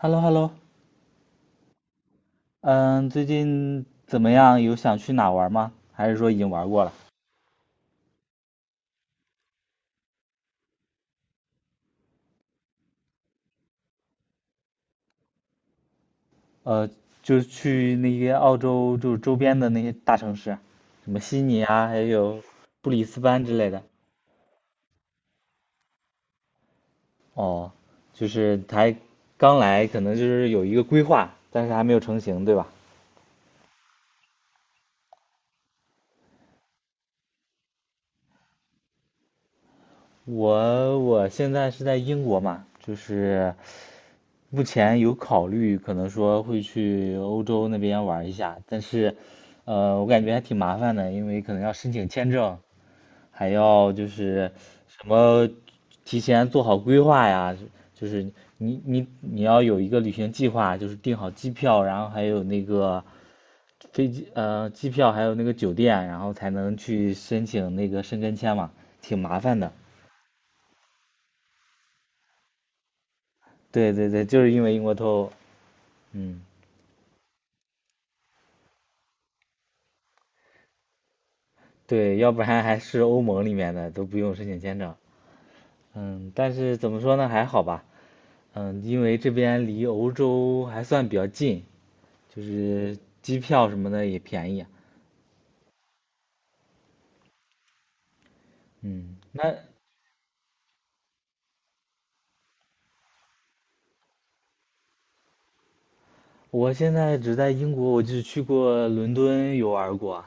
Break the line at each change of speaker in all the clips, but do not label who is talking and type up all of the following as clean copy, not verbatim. h e l l o h e l l o 嗯，最近怎么样？有想去哪玩吗？还是说已经玩过了？呃，就是去那些澳洲就是周边的那些大城市，什么悉尼啊，还有布里斯班之类的。哦，就是才刚来，可能就是有一个规划，但是还没有成型，对吧？我现在是在英国嘛，就是目前有考虑，可能说会去欧洲那边玩一下，但是，我感觉还挺麻烦的，因为可能要申请签证，还要就是什么提前做好规划呀，就是你要有一个旅行计划，就是订好机票，然后还有那个机票，还有那个酒店，然后才能去申请那个申根签嘛，挺麻烦的。对对对，就是因为英国脱欧，嗯。对，要不然还是欧盟里面的都不用申请签证。嗯，但是怎么说呢，还好吧。因为这边离欧洲还算比较近，就是机票什么的也便宜。嗯，那我现在只在英国，我就去过伦敦游玩过。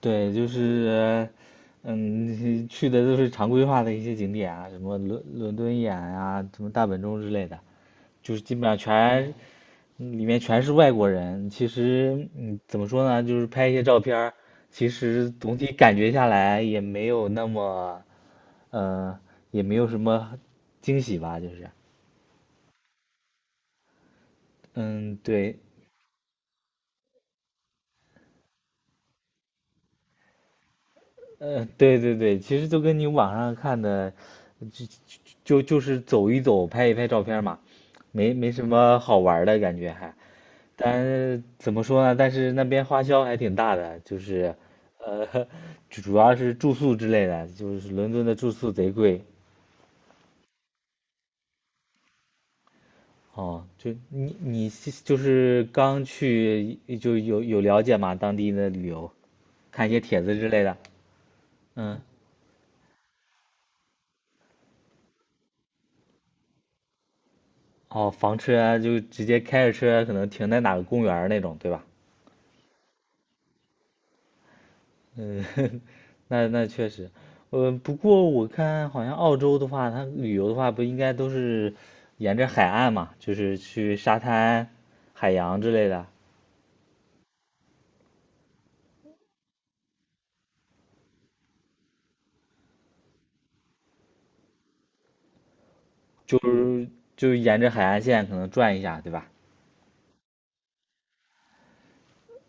对，就是，去的都是常规化的一些景点啊，什么伦敦眼啊，什么大本钟之类的，就是基本上全，里面全是外国人。其实，怎么说呢，就是拍一些照片儿，其实总体感觉下来也没有那么，呃，也没有什么惊喜吧，就是，嗯，对，对对对，其实就跟你网上看的，就就就是走一走，拍一拍照片嘛，没什么好玩儿的感觉还。但怎么说呢？但是那边花销还挺大的，就是，呃，主要是住宿之类的，就是伦敦的住宿贼贵。哦，就你是就是刚去就有了解嘛，当地的旅游，看一些帖子之类的。嗯哦，房车啊就直接开着车啊，可能停在哪个公园儿那种，对吧？嗯，那确实，不过我看好像澳洲的话，它旅游的话，不应该都是沿着海岸嘛，就是去沙滩、海洋之类的，就是就沿着海岸线可能转一下，对吧？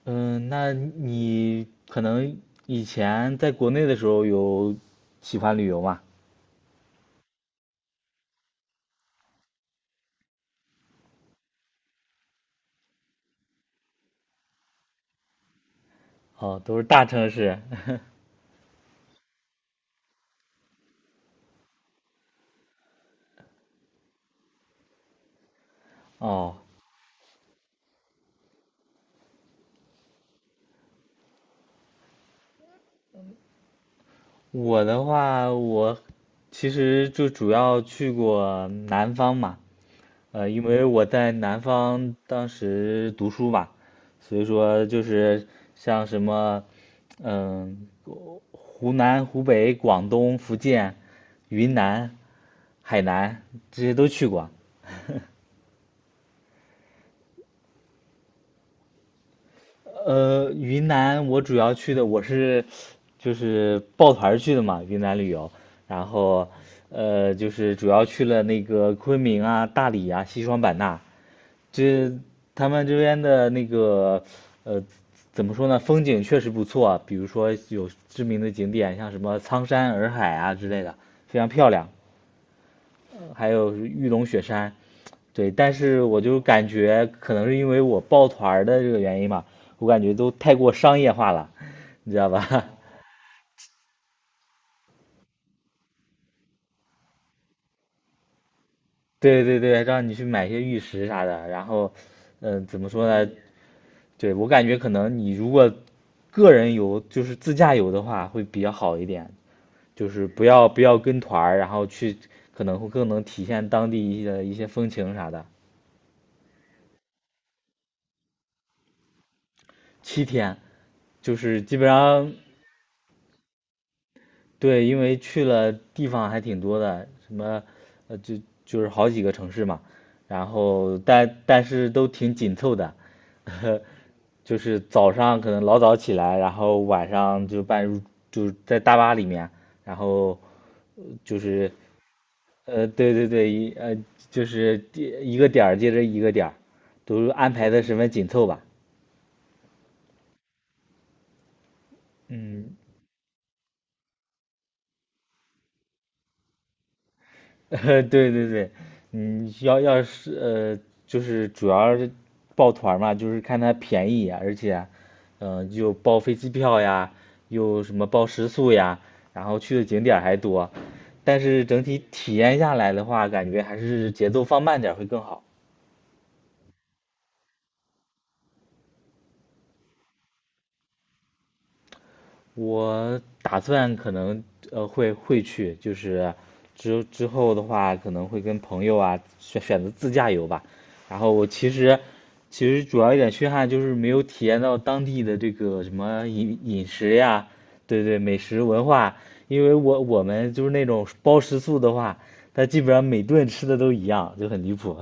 嗯，那你可能以前在国内的时候有喜欢旅游吗？哦，都是大城市。哦，我的话，我其实就主要去过南方嘛，因为我在南方当时读书嘛，所以说就是像什么，嗯、湖南、湖北、广东、福建、云南、海南这些都去过。云南我主要去的，我是就是抱团儿去的嘛，云南旅游，然后就是主要去了那个昆明啊、大理啊、西双版纳，这他们这边的那个呃，怎么说呢，风景确实不错啊，比如说有知名的景点，像什么苍山洱海啊之类的，非常漂亮。还有玉龙雪山，对，但是我就感觉可能是因为我抱团的这个原因吧，我感觉都太过商业化了，你知道吧？对对对，让你去买些玉石啥的，然后，怎么说呢？对，我感觉可能你如果个人游，就是自驾游的话，会比较好一点，就是不要跟团儿，然后去可能会更能体现当地一些风情啥的。七天，就是基本上，对，因为去了地方还挺多的，什么，呃，就就是好几个城市嘛，然后但是都挺紧凑的，就是早上可能老早起来，然后晚上就半入就是在大巴里面，然后就是，对对对，就是一个点儿接着一个点儿，都安排的十分紧凑吧，嗯。对对对，要是就是主要是抱团儿嘛，就是看它便宜呀而且，又包飞机票呀，又什么包食宿呀，然后去的景点儿还多，但是整体体验下来的话，感觉还是节奏放慢点儿会更好。我打算可能会去，就是之后的话可能会跟朋友啊选择自驾游吧。然后我其实主要一点缺憾就是没有体验到当地的这个什么饮食呀，对对，美食文化。因为我们就是那种包食宿的话，它基本上每顿吃的都一样，就很离谱。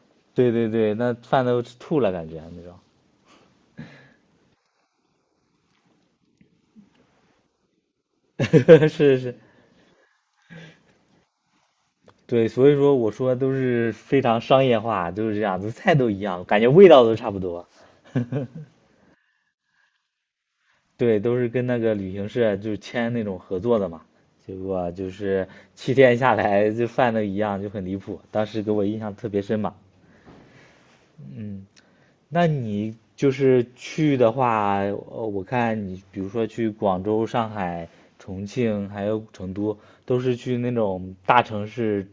对对对，那饭都吃吐了感觉啊那种。是是。对，所以说我说都是非常商业化，都是这样子，菜都一样，感觉味道都差不多。对，都是跟那个旅行社就签那种合作的嘛，结果就是七天下来就饭都一样，就很离谱，当时给我印象特别深嘛。嗯。那你就是去的话，我看你比如说去广州、上海、重庆，还有成都，都是去那种大城市，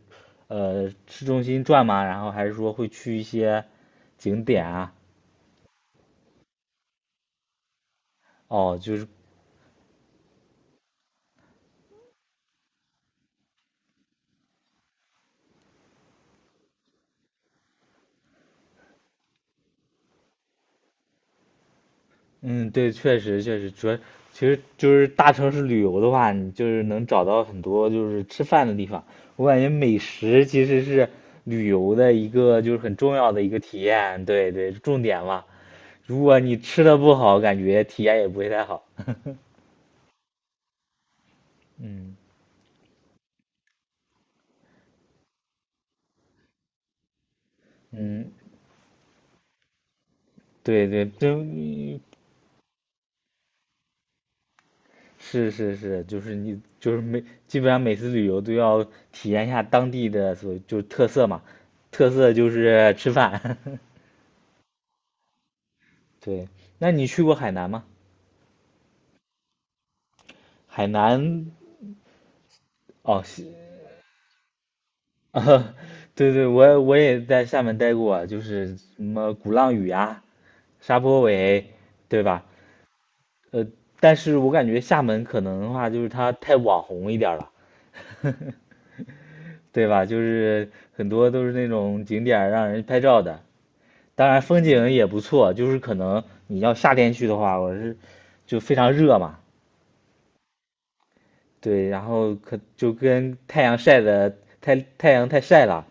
市中心转吗？然后还是说会去一些景点啊？哦，就是，嗯，对，确实确实，主要其实就是大城市旅游的话，你就是能找到很多就是吃饭的地方。我感觉美食其实是旅游的一个就是很重要的一个体验，对对，重点嘛。如果你吃的不好，感觉体验也不会太好。嗯嗯，对对，真，是是是，就是你就是每基本上每次旅游都要体验一下当地的所就是特色嘛，特色就是吃饭。对，那你去过海南吗？海南哦，西 啊，对对，我也在厦门待过，就是什么鼓浪屿啊、沙坡尾，对吧？呃，但是我感觉厦门可能的话，就是它太网红一点了，对吧？就是很多都是那种景点儿让人拍照的，当然风景也不错，就是可能你要夏天去的话，我是就非常热嘛，对，然后可就跟太阳晒的太阳太晒了。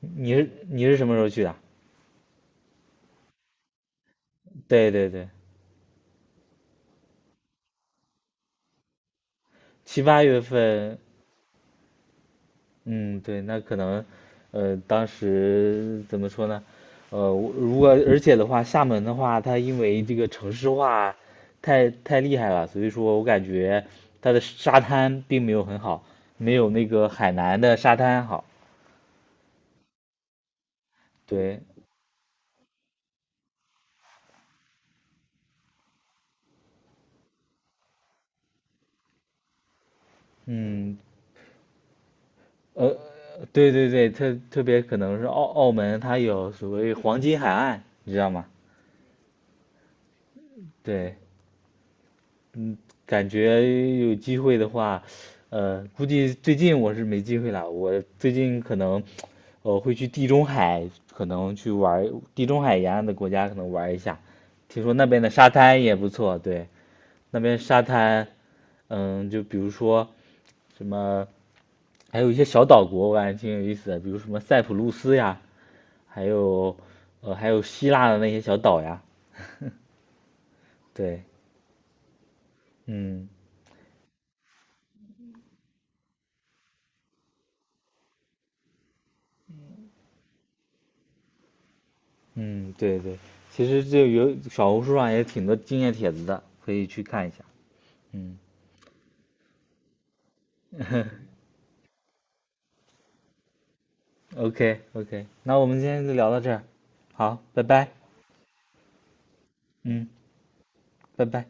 你是什么时候去的？对对对，七八月份，嗯，对，那可能，当时怎么说呢？我如果而且的话，厦门的话，它因为这个城市化太厉害了，所以说我感觉它的沙滩并没有很好，没有那个海南的沙滩好。对，嗯，呃，对对对，特别可能是澳门，它有所谓黄金海岸，你知道吗？对。嗯，感觉有机会的话，估计最近我是没机会了。我最近可能，会去地中海，可能去玩儿地中海沿岸的国家，可能玩儿一下。听说那边的沙滩也不错，对，那边沙滩，就比如说什么，还有一些小岛国，我感觉挺有意思的，比如什么塞浦路斯呀，还有，还有希腊的那些小岛呀，对，嗯。嗯，对对，其实就有小红书上也挺多经验帖子的，可以去看一下。嗯 ，OK OK，那我们今天就聊到这儿，好，拜拜。嗯，拜拜。